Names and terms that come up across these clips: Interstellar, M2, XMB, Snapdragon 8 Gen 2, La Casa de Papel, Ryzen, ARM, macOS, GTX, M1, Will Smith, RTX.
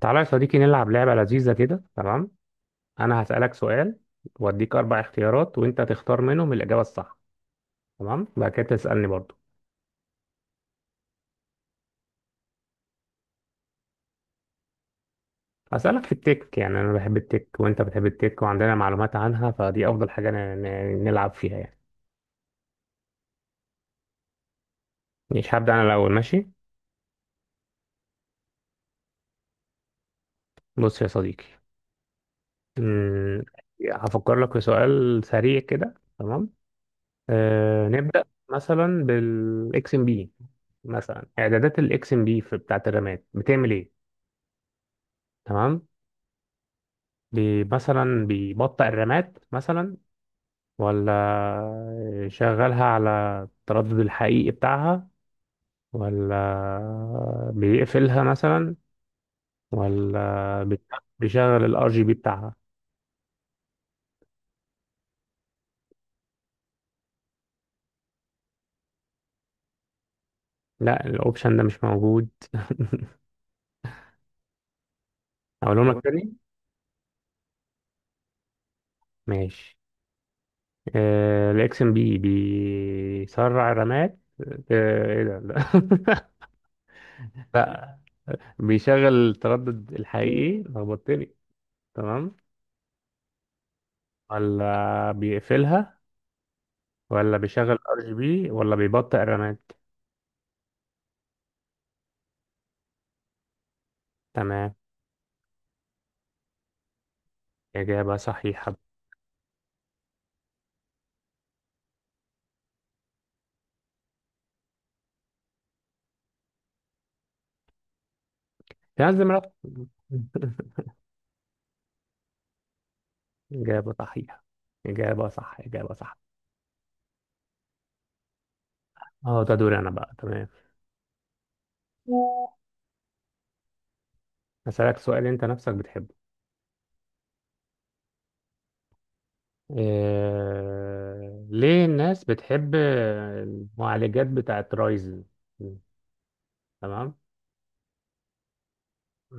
تعالى يا صديقي نلعب لعبة لذيذة كده. تمام، أنا هسألك سؤال وأديك أربع اختيارات وأنت تختار منهم الإجابة الصح. تمام، بعد كده تسألني برضو. هسألك في التك، يعني أنا بحب التك وأنت بتحب التك وعندنا معلومات عنها، فدي أفضل حاجة نلعب فيها يعني. مش هبدأ أنا الأول؟ ماشي، بص يا صديقي. أمم، هفكر لك في سؤال سريع كده. تمام، أه نبدأ. مثلا بالإكس إم بي. مثلا إعدادات الإكس إم بي في بتاعة الرامات بتعمل إيه؟ تمام. مثلا بيبطئ الرامات مثلا، ولا يشغلها على التردد الحقيقي بتاعها، ولا بيقفلها مثلا، ولا بيشغل الار جي بي بتاعها. لا، الاوبشن ده مش موجود. اقولهم لك تاني؟ ماشي. الاكس ام بي بيسرع الرامات. ايه ده، لا. لا، بيشغل التردد الحقيقي، لخبطتني. تمام، ولا بيقفلها، ولا بيشغل ار جي بي، ولا بيبطئ الرامات. تمام، إجابة صحيحة. في ناس دماغها. إجابة صحيحة، إجابة صح، إجابة صح. اه، ده دوري أنا بقى، تمام. هسألك سؤال أنت نفسك بتحبه. ليه الناس بتحب المعالجات بتاعت رايزن؟ تمام.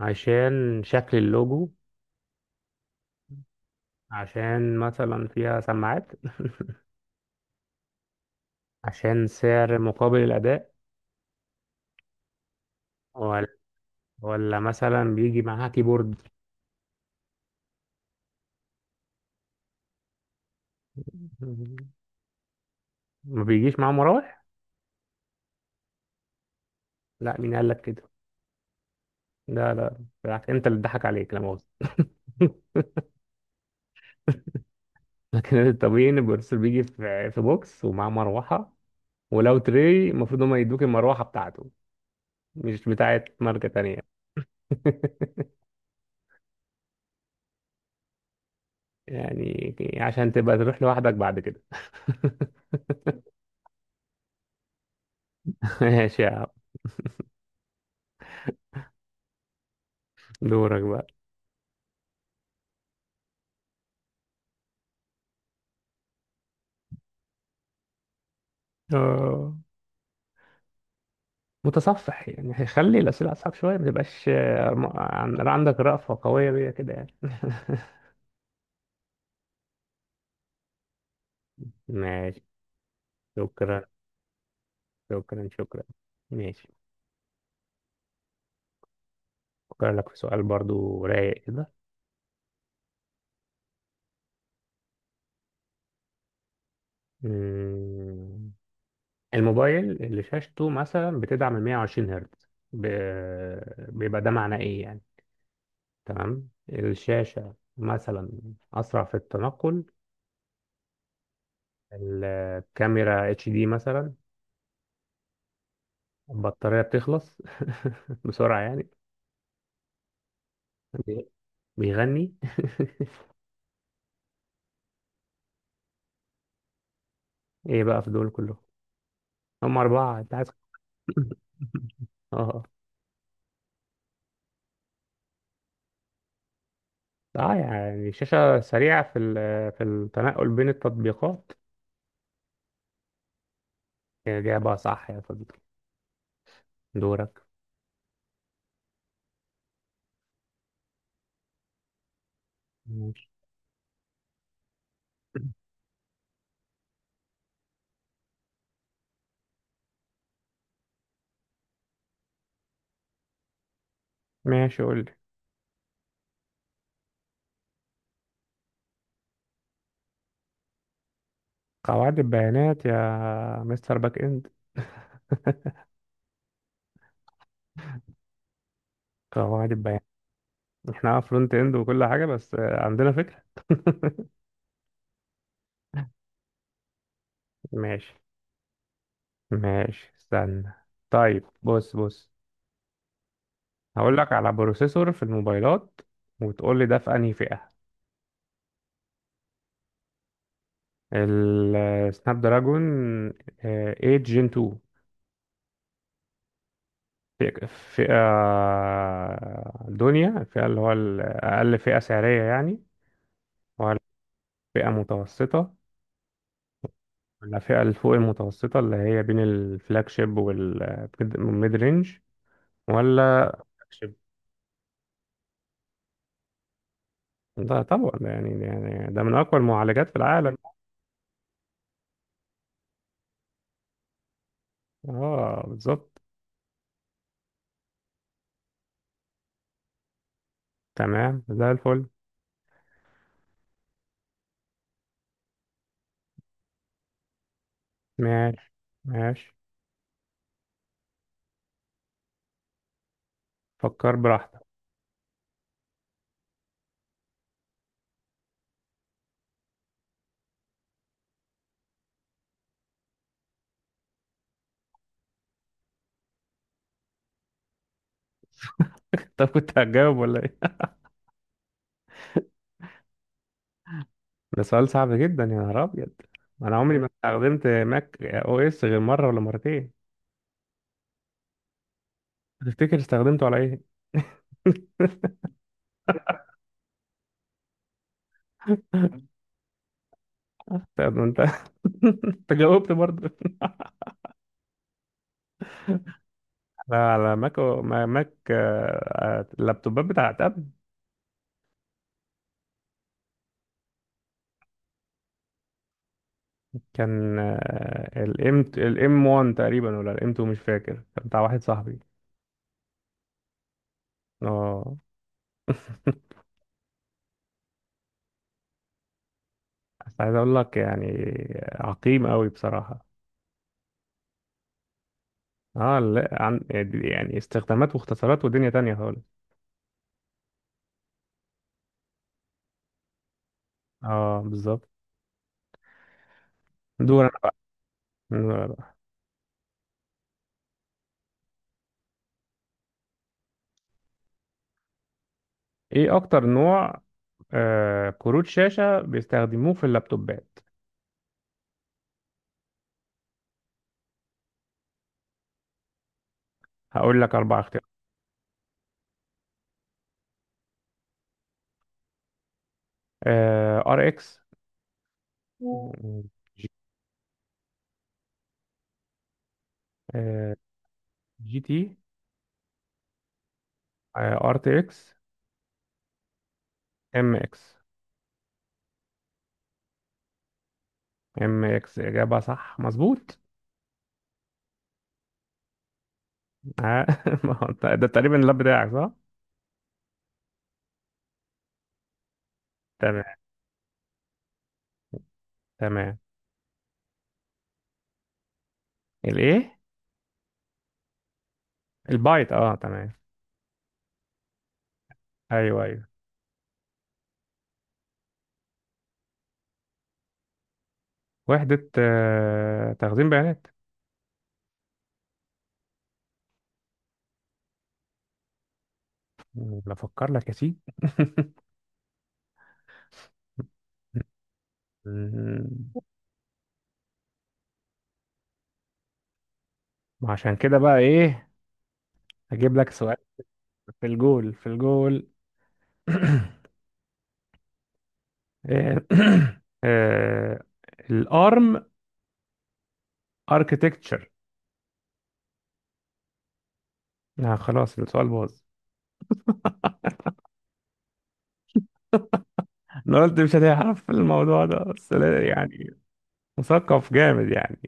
عشان شكل اللوجو، عشان مثلا فيها سماعات، عشان سعر مقابل الأداء، ولا ولا مثلا بيجي معاها كيبورد؟ ما بيجيش معاه مراوح. لا، مين قال لك كده؟ لا لا، بالعكس، انت اللي اتضحك عليك، لا مؤاخذة. لكن الطبيعي ان البروفيسور بيجي في بوكس ومعاه مروحة. ولو تري، المفروض هما يدوك المروحة بتاعته، مش بتاعت ماركة تانية. يعني عشان تبقى تروح لوحدك بعد كده. ماشي يا عم، دورك بقى. اه، متصفح، يعني خلي الأسئلة أصعب شوية ما تبقاش، عندك رأفة قوية بيها كده يعني. ماشي، شكرا، شكرا، شكرا. ماشي، أفكر لك في سؤال برضو رايق كده. أمم، الموبايل اللي شاشته مثلا بتدعم ال 120 هرتز، بيبقى ده معناه إيه يعني؟ تمام، الشاشة مثلا أسرع في التنقل، الكاميرا اتش دي مثلا، البطارية بتخلص بسرعة يعني، بي- بيغني. إيه بقى في دول كلهم؟ هم أربعة أنت عايز. اه، اه يعني شاشة سريعة في التنقل بين التطبيقات. هي إجابة صح يا صديقي، دورك. ماشي، ماشي، قول لي. قواعد البيانات يا مستر باك إند، قواعد البيانات. احنا اه فرونت إند وكل حاجة، بس عندنا فكرة. ماشي، ماشي استنى. طيب بص بص، هقول لك على بروسيسور في الموبايلات، وتقول لي ده في انهي فئة. السناب دراجون 8 جين 2. فئة دنيا، الفئة اللي هو الأقل فئة سعرية يعني، ولا فئة متوسطة، ولا فئة اللي فوق المتوسطة اللي هي بين الفلاج شيب والميد رينج، ولا flagship؟ ده طبعا، ده يعني ده من أقوى المعالجات في العالم. اه بالظبط، تمام، زي الفل. ماشي، ماشي فكر براحتك. طب كنت هتجاوب ولا ايه؟ ده سؤال صعب جدا، يا نهار أبيض. أنا عمري ما استخدمت ماك أو إس غير مرة ولا مرتين. تفتكر استخدمته على ايه؟ انت. انت جاوبت برضه. على ماك ماك، اللابتوبات بتاعت ابل. كان الام 1 تقريبا، ولا الام 2، مش فاكر، كان بتاع واحد صاحبي. اه، بس عايز اقول لك يعني، عقيم قوي بصراحة. اه لا عن، يعني استخدامات واختصارات ودنيا تانية خالص. اه بالظبط. دور انا بقى. دور أنا بقى. ايه اكتر نوع كروت شاشة بيستخدموه في اللابتوبات؟ هقول لك اربع: ار اكس، جي تي، ار تي اكس، ام اكس ام اكس اجابه صح مظبوط. آه، ما هو ده تقريبا اللاب بتاعك صح؟ تمام، تمام. الايه؟ البايت؟ اه تمام. ايوه، ايوه، وحده تخزين بيانات. بفكر لك يا سيدي. مم. ما عشان كده بقى ايه. هجيب لك سؤال في الجول. إيه، آه، الارم اركتكتشر. آه خلاص، السؤال باظ. انا قلت مش هتعرف في الموضوع ده، بس لا، يعني مثقف جامد يعني.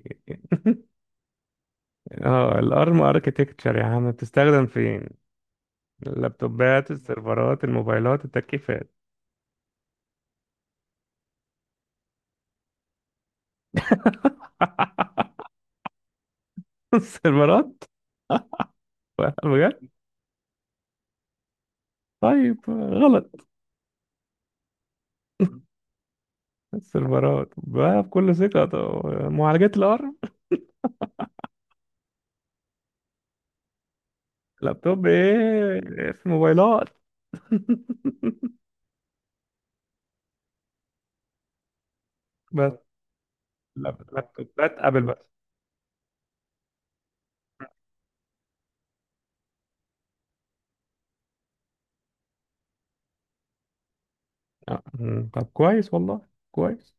اه، الارم اركتكتشر يا عم بتستخدم فين؟ اللابتوبات، السيرفرات، الموبايلات، التكييفات. السيرفرات، بجد. طيب، غلط. السيرفرات بقى بكل ثقة، طب معالجات الارم. لابتوب ايه؟ في موبايلات. بس لابتوبات ابل بس. آه، طب كويس والله، كويس.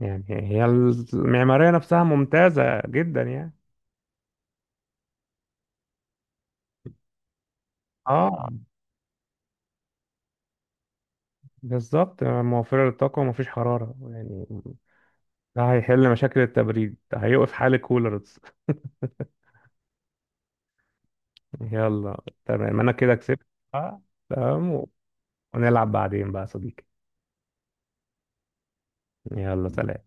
يعني هي المعمارية نفسها ممتازة جدا يعني. اه بالظبط، موفرة للطاقة ومفيش حرارة يعني. ده هيحل مشاكل التبريد، ده هيوقف حال الكولرز. يلا تمام، انا كده كسبت. آه، تمام، ونلعب بعدين بقى يا صديقي، يلا سلام.